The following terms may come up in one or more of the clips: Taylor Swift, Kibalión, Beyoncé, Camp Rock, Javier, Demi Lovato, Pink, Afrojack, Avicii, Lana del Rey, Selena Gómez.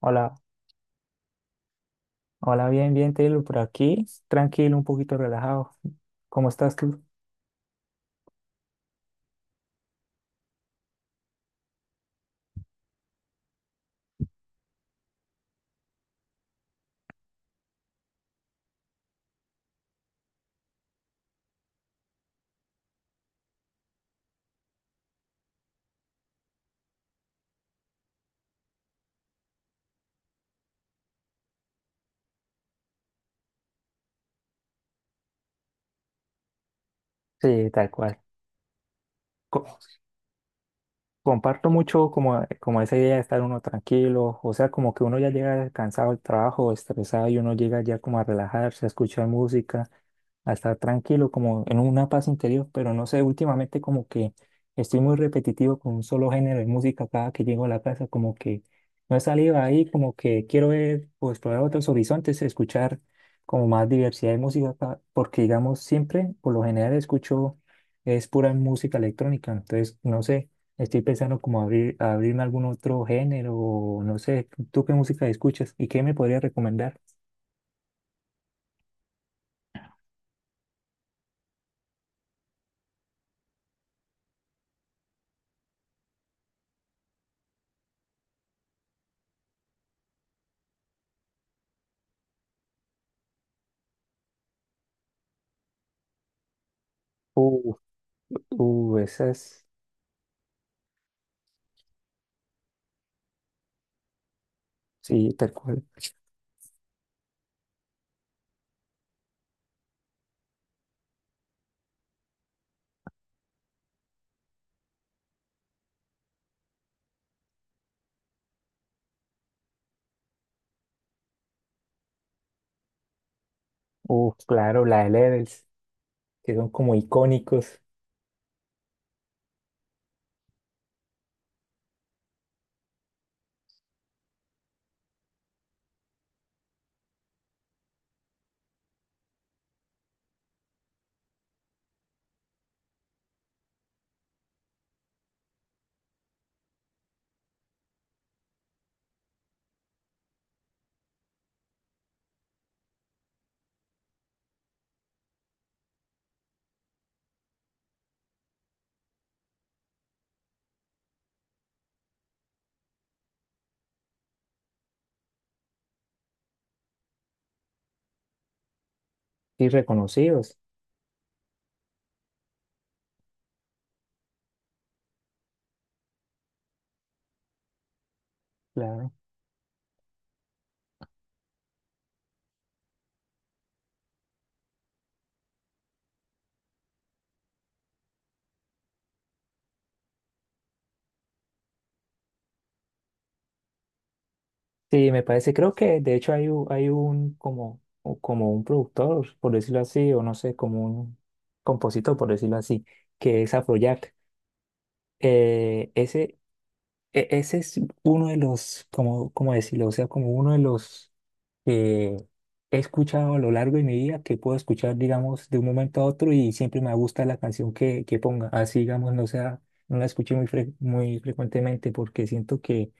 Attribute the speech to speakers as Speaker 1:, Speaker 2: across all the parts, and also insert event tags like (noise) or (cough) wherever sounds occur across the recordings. Speaker 1: Hola, hola, bien, bien, Taylor, por aquí, tranquilo, un poquito relajado. ¿Cómo estás tú? Sí, tal cual. Co- Comparto mucho como, como esa idea de estar uno tranquilo, o sea, como que uno ya llega cansado del trabajo, estresado y uno llega ya como a relajarse, a escuchar música, a estar tranquilo, como en una paz interior, pero no sé, últimamente como que estoy muy repetitivo con un solo género de música cada que llego a la casa, como que no he salido ahí, como que quiero ver o explorar otros horizontes, escuchar como más diversidad de música, porque digamos siempre, por lo general escucho es pura música electrónica, entonces no sé, estoy pensando como abrir, abrirme a algún otro género, o no sé, ¿tú qué música escuchas y qué me podrías recomendar? Uh, esa es, sí, tal cual. Uf, claro, la de Levels, que son como icónicos y reconocidos, claro. Sí, me parece, creo que de hecho hay, hay un como, o como un productor, por decirlo así, o no sé, como un compositor, por decirlo así, que es Afrojack. Ese, ese es uno de los, como, como decirlo, o sea, como uno de los que he escuchado a lo largo de mi vida, que puedo escuchar, digamos, de un momento a otro y siempre me gusta la canción que ponga. Así, digamos, no sea, no la escuché muy, muy frecuentemente porque siento que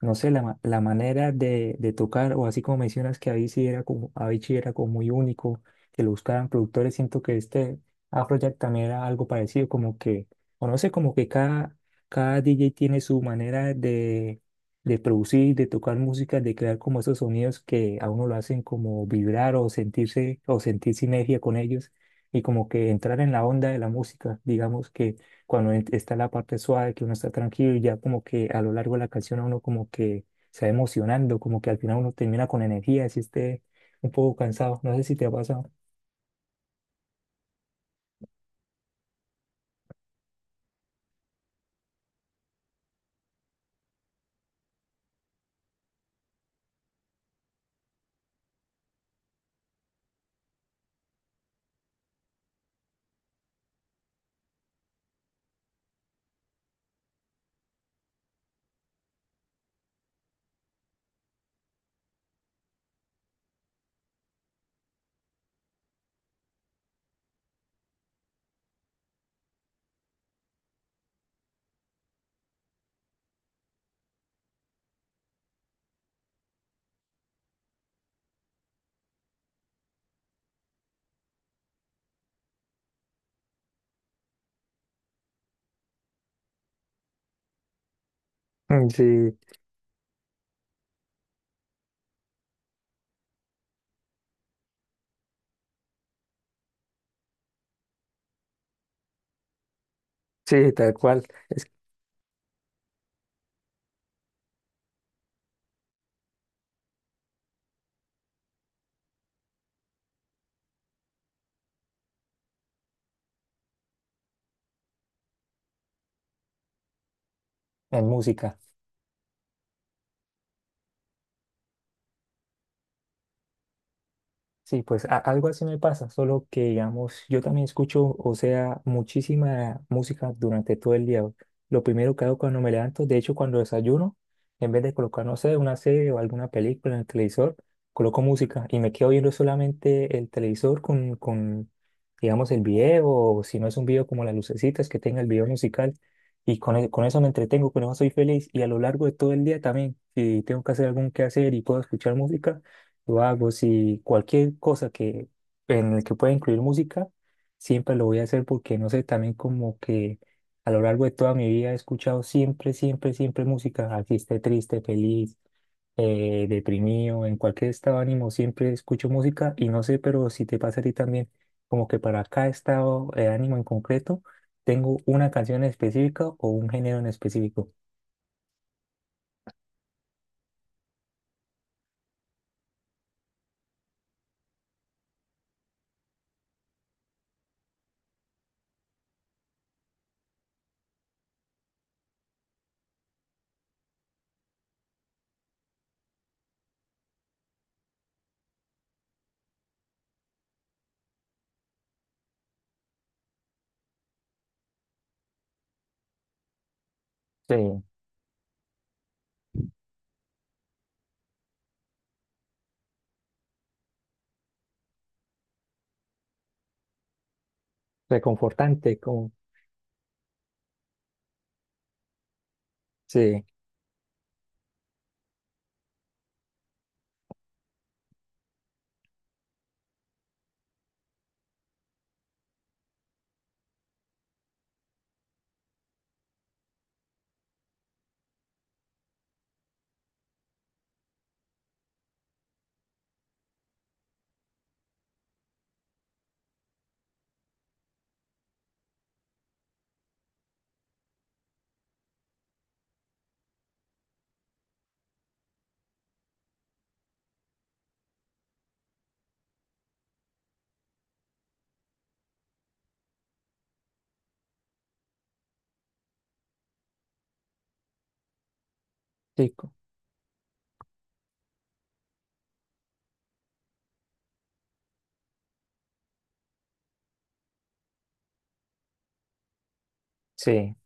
Speaker 1: no sé, la, la manera de tocar, o así como mencionas que Avicii era como muy único, que lo buscaban productores, siento que este Afrojack también era algo parecido, como que, o no sé, como que cada DJ tiene su manera de producir, de tocar música, de crear como esos sonidos que a uno lo hacen como vibrar o sentirse, o sentir sinergia con ellos, y como que entrar en la onda de la música, digamos que cuando está la parte suave, que uno está tranquilo y ya como que a lo largo de la canción a uno como que se va emocionando, como que al final uno termina con energía, si esté un poco cansado, no sé si te ha pasado. Mm, sí, sí, tal cual. Es en música. Sí, pues algo así me pasa, solo que digamos, yo también escucho, o sea, muchísima música durante todo el día. Lo primero que hago cuando me levanto, de hecho cuando desayuno, en vez de colocar, no sé, una serie o alguna película en el televisor, coloco música y me quedo viendo solamente el televisor con, digamos, el video, o si no es un video como las lucecitas que tenga el video musical, y con, con eso me entretengo, con eso soy feliz y a lo largo de todo el día también, si tengo que hacer algún quehacer y puedo escuchar música lo hago, si cualquier cosa que en el que pueda incluir música, siempre lo voy a hacer porque no sé, también como que a lo largo de toda mi vida he escuchado siempre, siempre, siempre música, así esté triste, feliz, deprimido, en cualquier estado de ánimo siempre escucho música y no sé, pero si te pasa a ti también, como que para cada estado de ánimo en concreto, tengo una canción específica o un género en específico. Sí, reconfortante, como, sí, sí, sí.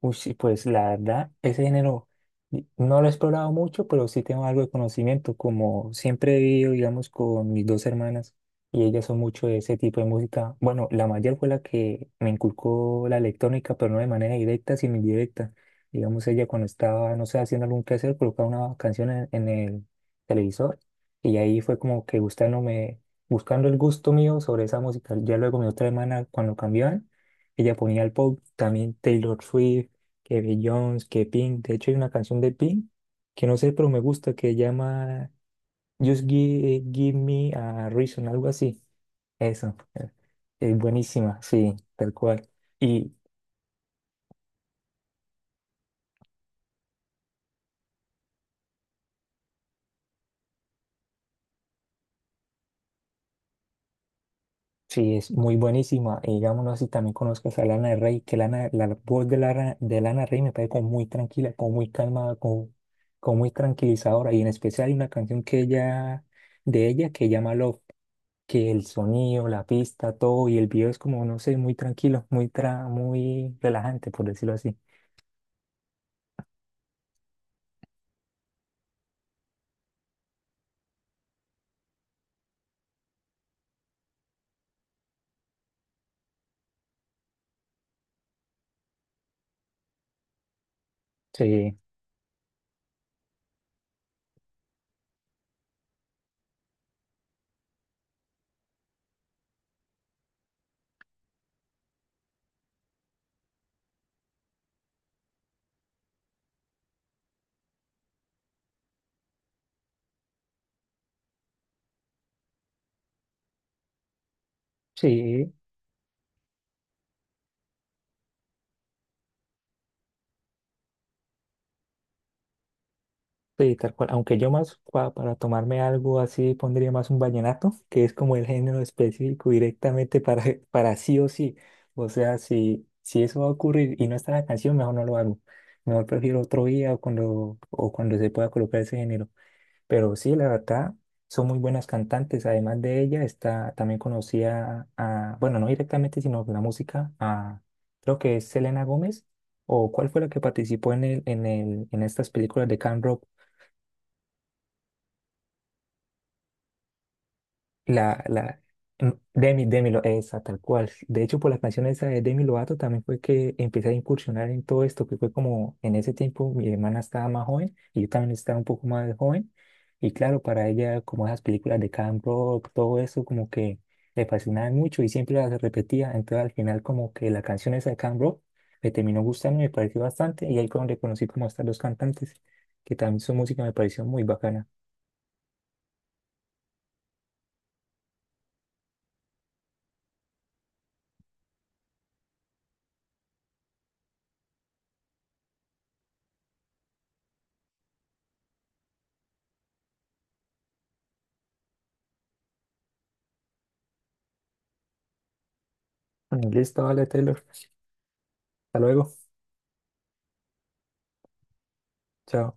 Speaker 1: Uy, sí, pues la verdad, ese género no lo he explorado mucho, pero sí tengo algo de conocimiento, como siempre he vivido, digamos, con mis dos hermanas y ellas son mucho de ese tipo de música. Bueno, la mayor fue la que me inculcó la electrónica, pero no de manera directa, sino indirecta. Digamos, ella cuando estaba, no sé, haciendo algún quehacer, colocaba una canción en el televisor y ahí fue como que gustándome, buscando el gusto mío sobre esa música. Ya luego mi otra hermana, cuando cambiaban, ella ponía el pop, también Taylor Swift, que Beyoncé, que Pink. De hecho, hay una canción de Pink que no sé, pero me gusta, que llama Just Give, Give Me a Reason, algo así. Eso. Es buenísima, sí, tal cual. Y sí, es muy buenísima. Y digámoslo así, también conozco a Lana del Rey, que Lana, la voz de Lana del Rey me parece como muy tranquila, como muy calmada, como, como muy tranquilizadora. Y en especial hay una canción que ella, de ella que llama Love, que el sonido, la pista, todo, y el video es como, no sé, muy tranquilo, muy, tra muy relajante, por decirlo así. Sí, sí, sí, tal cual. Aunque yo más para tomarme algo así pondría más un vallenato, que es como el género específico directamente para, (laughs) para sí o sí. O sea, si, si eso va a ocurrir y no está la canción, mejor no lo hago. Mejor prefiero otro día o cuando se pueda colocar ese género. Pero sí, la verdad, son muy buenas cantantes. Además de ella, está, también conocía a, bueno, no directamente, sino la música, a, creo que es Selena Gómez, o cuál fue la que participó en el, en el, en estas películas de Camp. La, mm, Demi, Demi, esa, tal cual. De hecho, por la canción esa de Demi Lovato también fue que empecé a incursionar en todo esto, que fue como en ese tiempo mi hermana estaba más joven y yo también estaba un poco más joven. Y claro, para ella, como esas películas de Camp Rock, todo eso, como que le fascinaban mucho y siempre las repetía. Entonces, al final, como que la canción esa de Camp Rock me terminó gustando y me pareció bastante. Y ahí fue donde conocí como a estas dos cantantes, que también su música me pareció muy bacana. Listo, vale, Taylor. Hasta luego. Chao.